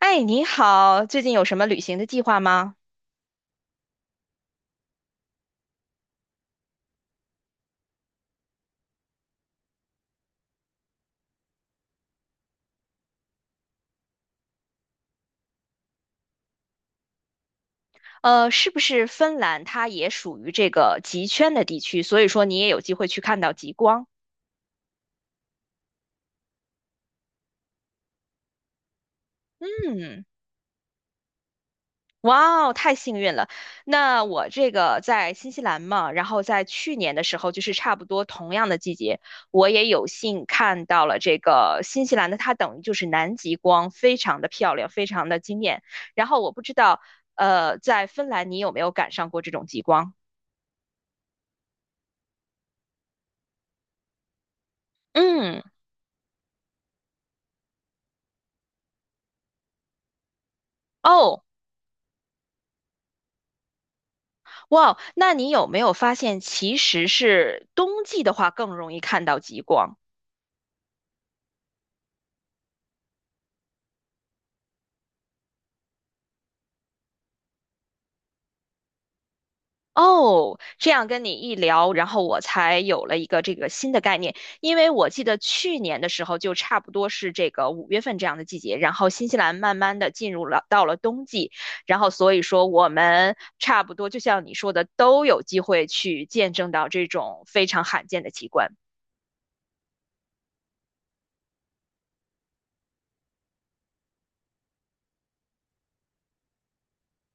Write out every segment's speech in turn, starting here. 哎，你好，最近有什么旅行的计划吗？是不是芬兰它也属于这个极圈的地区，所以说你也有机会去看到极光？嗯，哇哦，太幸运了。那我这个在新西兰嘛，然后在去年的时候，就是差不多同样的季节，我也有幸看到了这个新西兰的，它等于就是南极光，非常的漂亮，非常的惊艳。然后我不知道，在芬兰你有没有赶上过这种极光？嗯。哦，哇，那你有没有发现，其实是冬季的话更容易看到极光？哦，这样跟你一聊，然后我才有了一个这个新的概念。因为我记得去年的时候，就差不多是这个五月份这样的季节，然后新西兰慢慢的进入了到了冬季，然后所以说我们差不多就像你说的，都有机会去见证到这种非常罕见的奇观。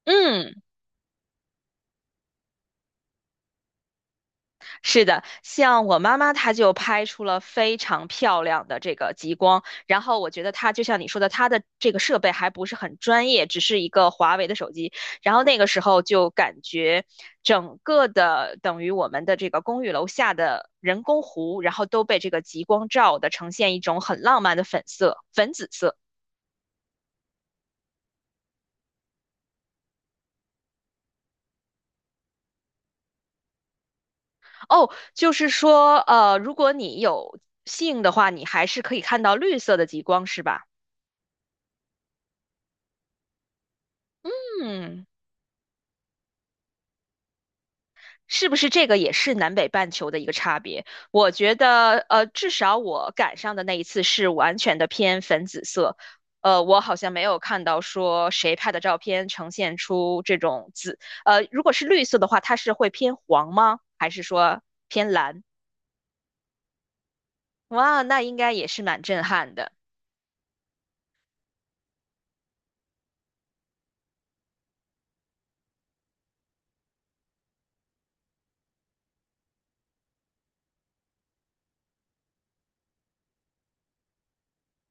嗯。是的，像我妈妈，她就拍出了非常漂亮的这个极光。然后我觉得她就像你说的，她的这个设备还不是很专业，只是一个华为的手机。然后那个时候就感觉整个的等于我们的这个公寓楼下的人工湖，然后都被这个极光照的呈现一种很浪漫的粉色、粉紫色。哦，就是说，如果你有幸的话，你还是可以看到绿色的极光，是吧？嗯。是不是这个也是南北半球的一个差别？我觉得，至少我赶上的那一次是完全的偏粉紫色，我好像没有看到说谁拍的照片呈现出这种紫，如果是绿色的话，它是会偏黄吗？还是说偏蓝？哇，那应该也是蛮震撼的。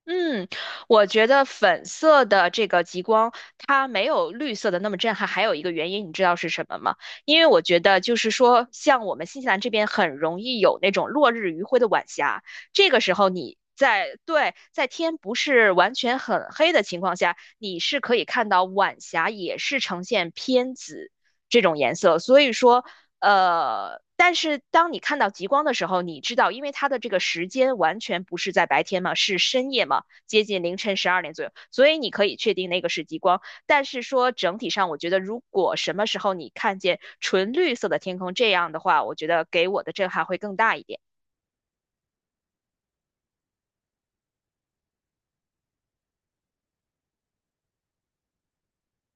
嗯，我觉得粉色的这个极光，它没有绿色的那么震撼。还有一个原因，你知道是什么吗？因为我觉得就是说，像我们新西兰这边很容易有那种落日余晖的晚霞，这个时候你在，对，在天不是完全很黑的情况下，你是可以看到晚霞也是呈现偏紫这种颜色。所以说，但是当你看到极光的时候，你知道，因为它的这个时间完全不是在白天嘛，是深夜嘛，接近凌晨十二点左右，所以你可以确定那个是极光。但是说整体上，我觉得如果什么时候你看见纯绿色的天空这样的话，我觉得给我的震撼会更大一点。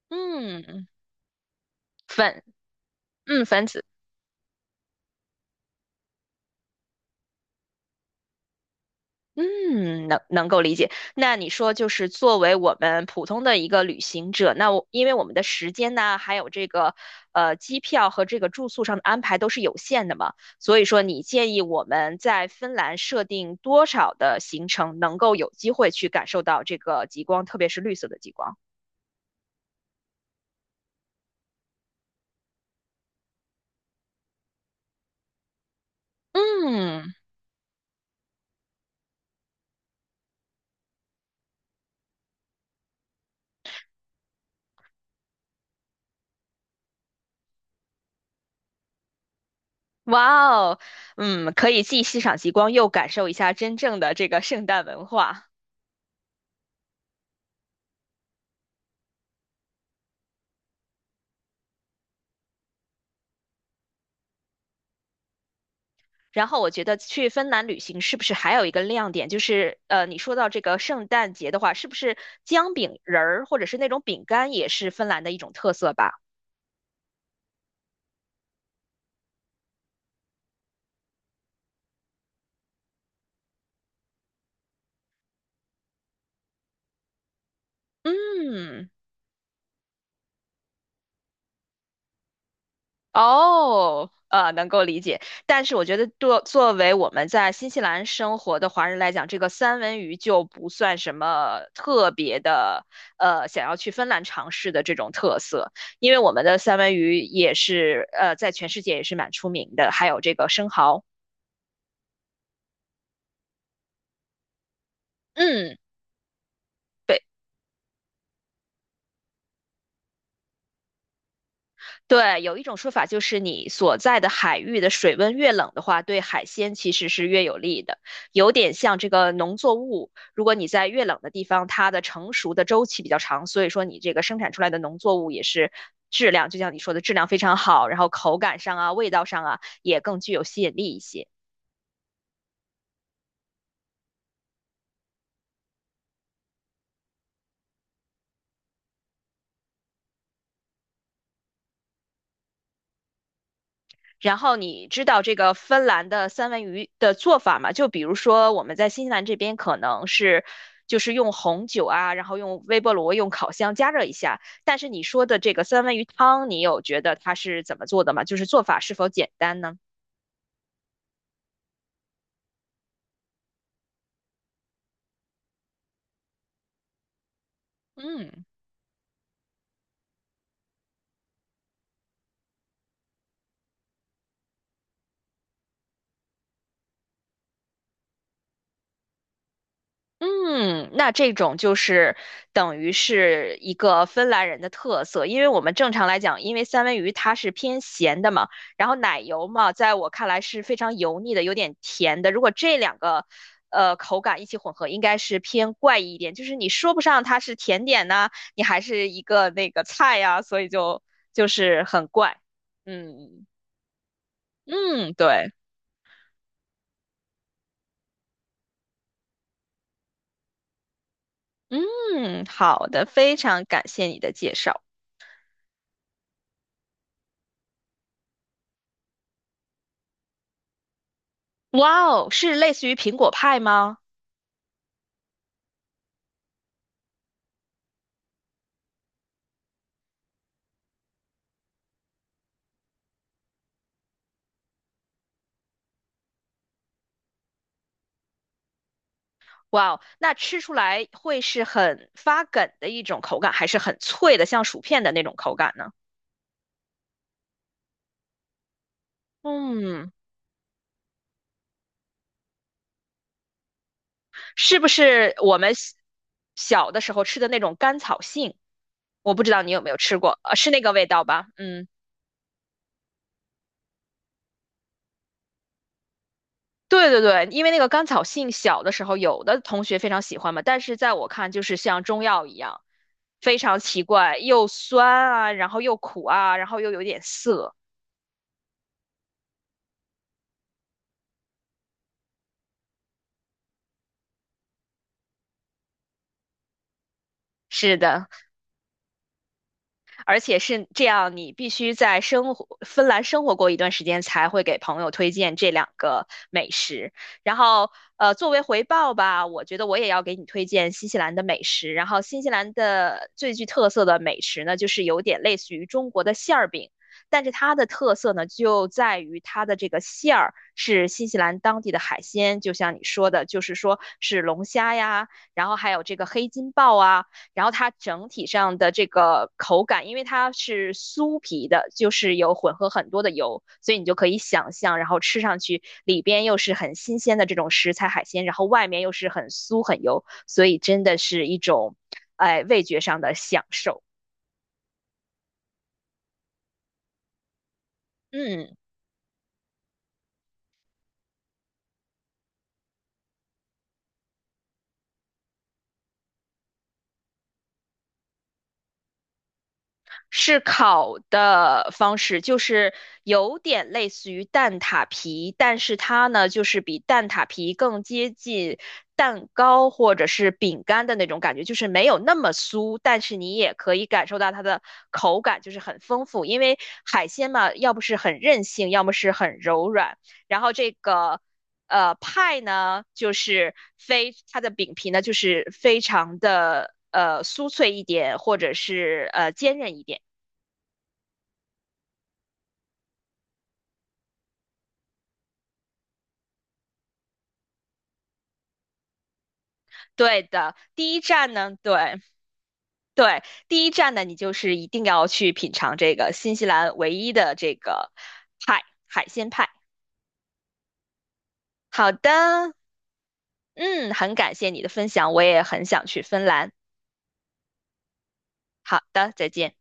嗯，粉，嗯，粉紫。嗯，能够理解。那你说，就是作为我们普通的一个旅行者，那我因为我们的时间呢，还有这个机票和这个住宿上的安排都是有限的嘛，所以说你建议我们在芬兰设定多少的行程，能够有机会去感受到这个极光，特别是绿色的极光？嗯，哇哦，嗯，可以既欣赏极光，又感受一下真正的这个圣诞文化。然后我觉得去芬兰旅行是不是还有一个亮点，就是你说到这个圣诞节的话，是不是姜饼人儿或者是那种饼干也是芬兰的一种特色吧？嗯，哦，能够理解。但是我觉得作为我们在新西兰生活的华人来讲，这个三文鱼就不算什么特别的，想要去芬兰尝试的这种特色，因为我们的三文鱼也是在全世界也是蛮出名的，还有这个生蚝。嗯。对，对，有一种说法就是你所在的海域的水温越冷的话，对海鲜其实是越有利的，有点像这个农作物，如果你在越冷的地方，它的成熟的周期比较长，所以说你这个生产出来的农作物也是质量，就像你说的质量非常好，然后口感上啊、味道上啊也更具有吸引力一些。然后你知道这个芬兰的三文鱼的做法吗？就比如说我们在新西兰这边可能是就是用红酒啊，然后用微波炉、用烤箱加热一下。但是你说的这个三文鱼汤，你有觉得它是怎么做的吗？就是做法是否简单呢？嗯。嗯，那这种就是等于是一个芬兰人的特色，因为我们正常来讲，因为三文鱼它是偏咸的嘛，然后奶油嘛，在我看来是非常油腻的，有点甜的。如果这两个口感一起混合，应该是偏怪异一点，就是你说不上它是甜点呐、你还是一个那个菜呀、所以就是很怪。嗯嗯，对，嗯，好的，非常感谢你的介绍。哇哦，是类似于苹果派吗？哇哦，那吃出来会是很发梗的一种口感，还是很脆的，像薯片的那种口感呢？嗯，是不是我们小的时候吃的那种甘草杏？我不知道你有没有吃过，是那个味道吧？嗯，对对对，因为那个甘草杏小的时候有的同学非常喜欢嘛，但是在我看就是像中药一样，非常奇怪，又酸啊，然后又苦啊，然后又有点涩。是的。而且是这样，你必须在芬兰生活过一段时间，才会给朋友推荐这两个美食。然后，作为回报吧，我觉得我也要给你推荐新西兰的美食。然后，新西兰的最具特色的美食呢，就是有点类似于中国的馅儿饼，但是它的特色呢，就在于它的这个馅儿是新西兰当地的海鲜，就像你说的，就是说是龙虾呀，然后还有这个黑金鲍啊。然后它整体上的这个口感，因为它是酥皮的，就是有混合很多的油，所以你就可以想象，然后吃上去里边又是很新鲜的这种食材海鲜，然后外面又是很酥很油，所以真的是一种，哎，味觉上的享受。嗯。是烤的方式，就是有点类似于蛋挞皮，但是它呢，就是比蛋挞皮更接近蛋糕或者是饼干的那种感觉，就是没有那么酥，但是你也可以感受到它的口感就是很丰富，因为海鲜嘛，要不是很韧性，要么是很柔软，然后这个。派呢，就是非它的饼皮呢，就是非常的酥脆一点，或者是坚韧一点。对的，第一站呢，对对，第一站呢，你就是一定要去品尝这个新西兰唯一的这个派，海鲜派。好的，嗯，很感谢你的分享，我也很想去芬兰。好的，再见。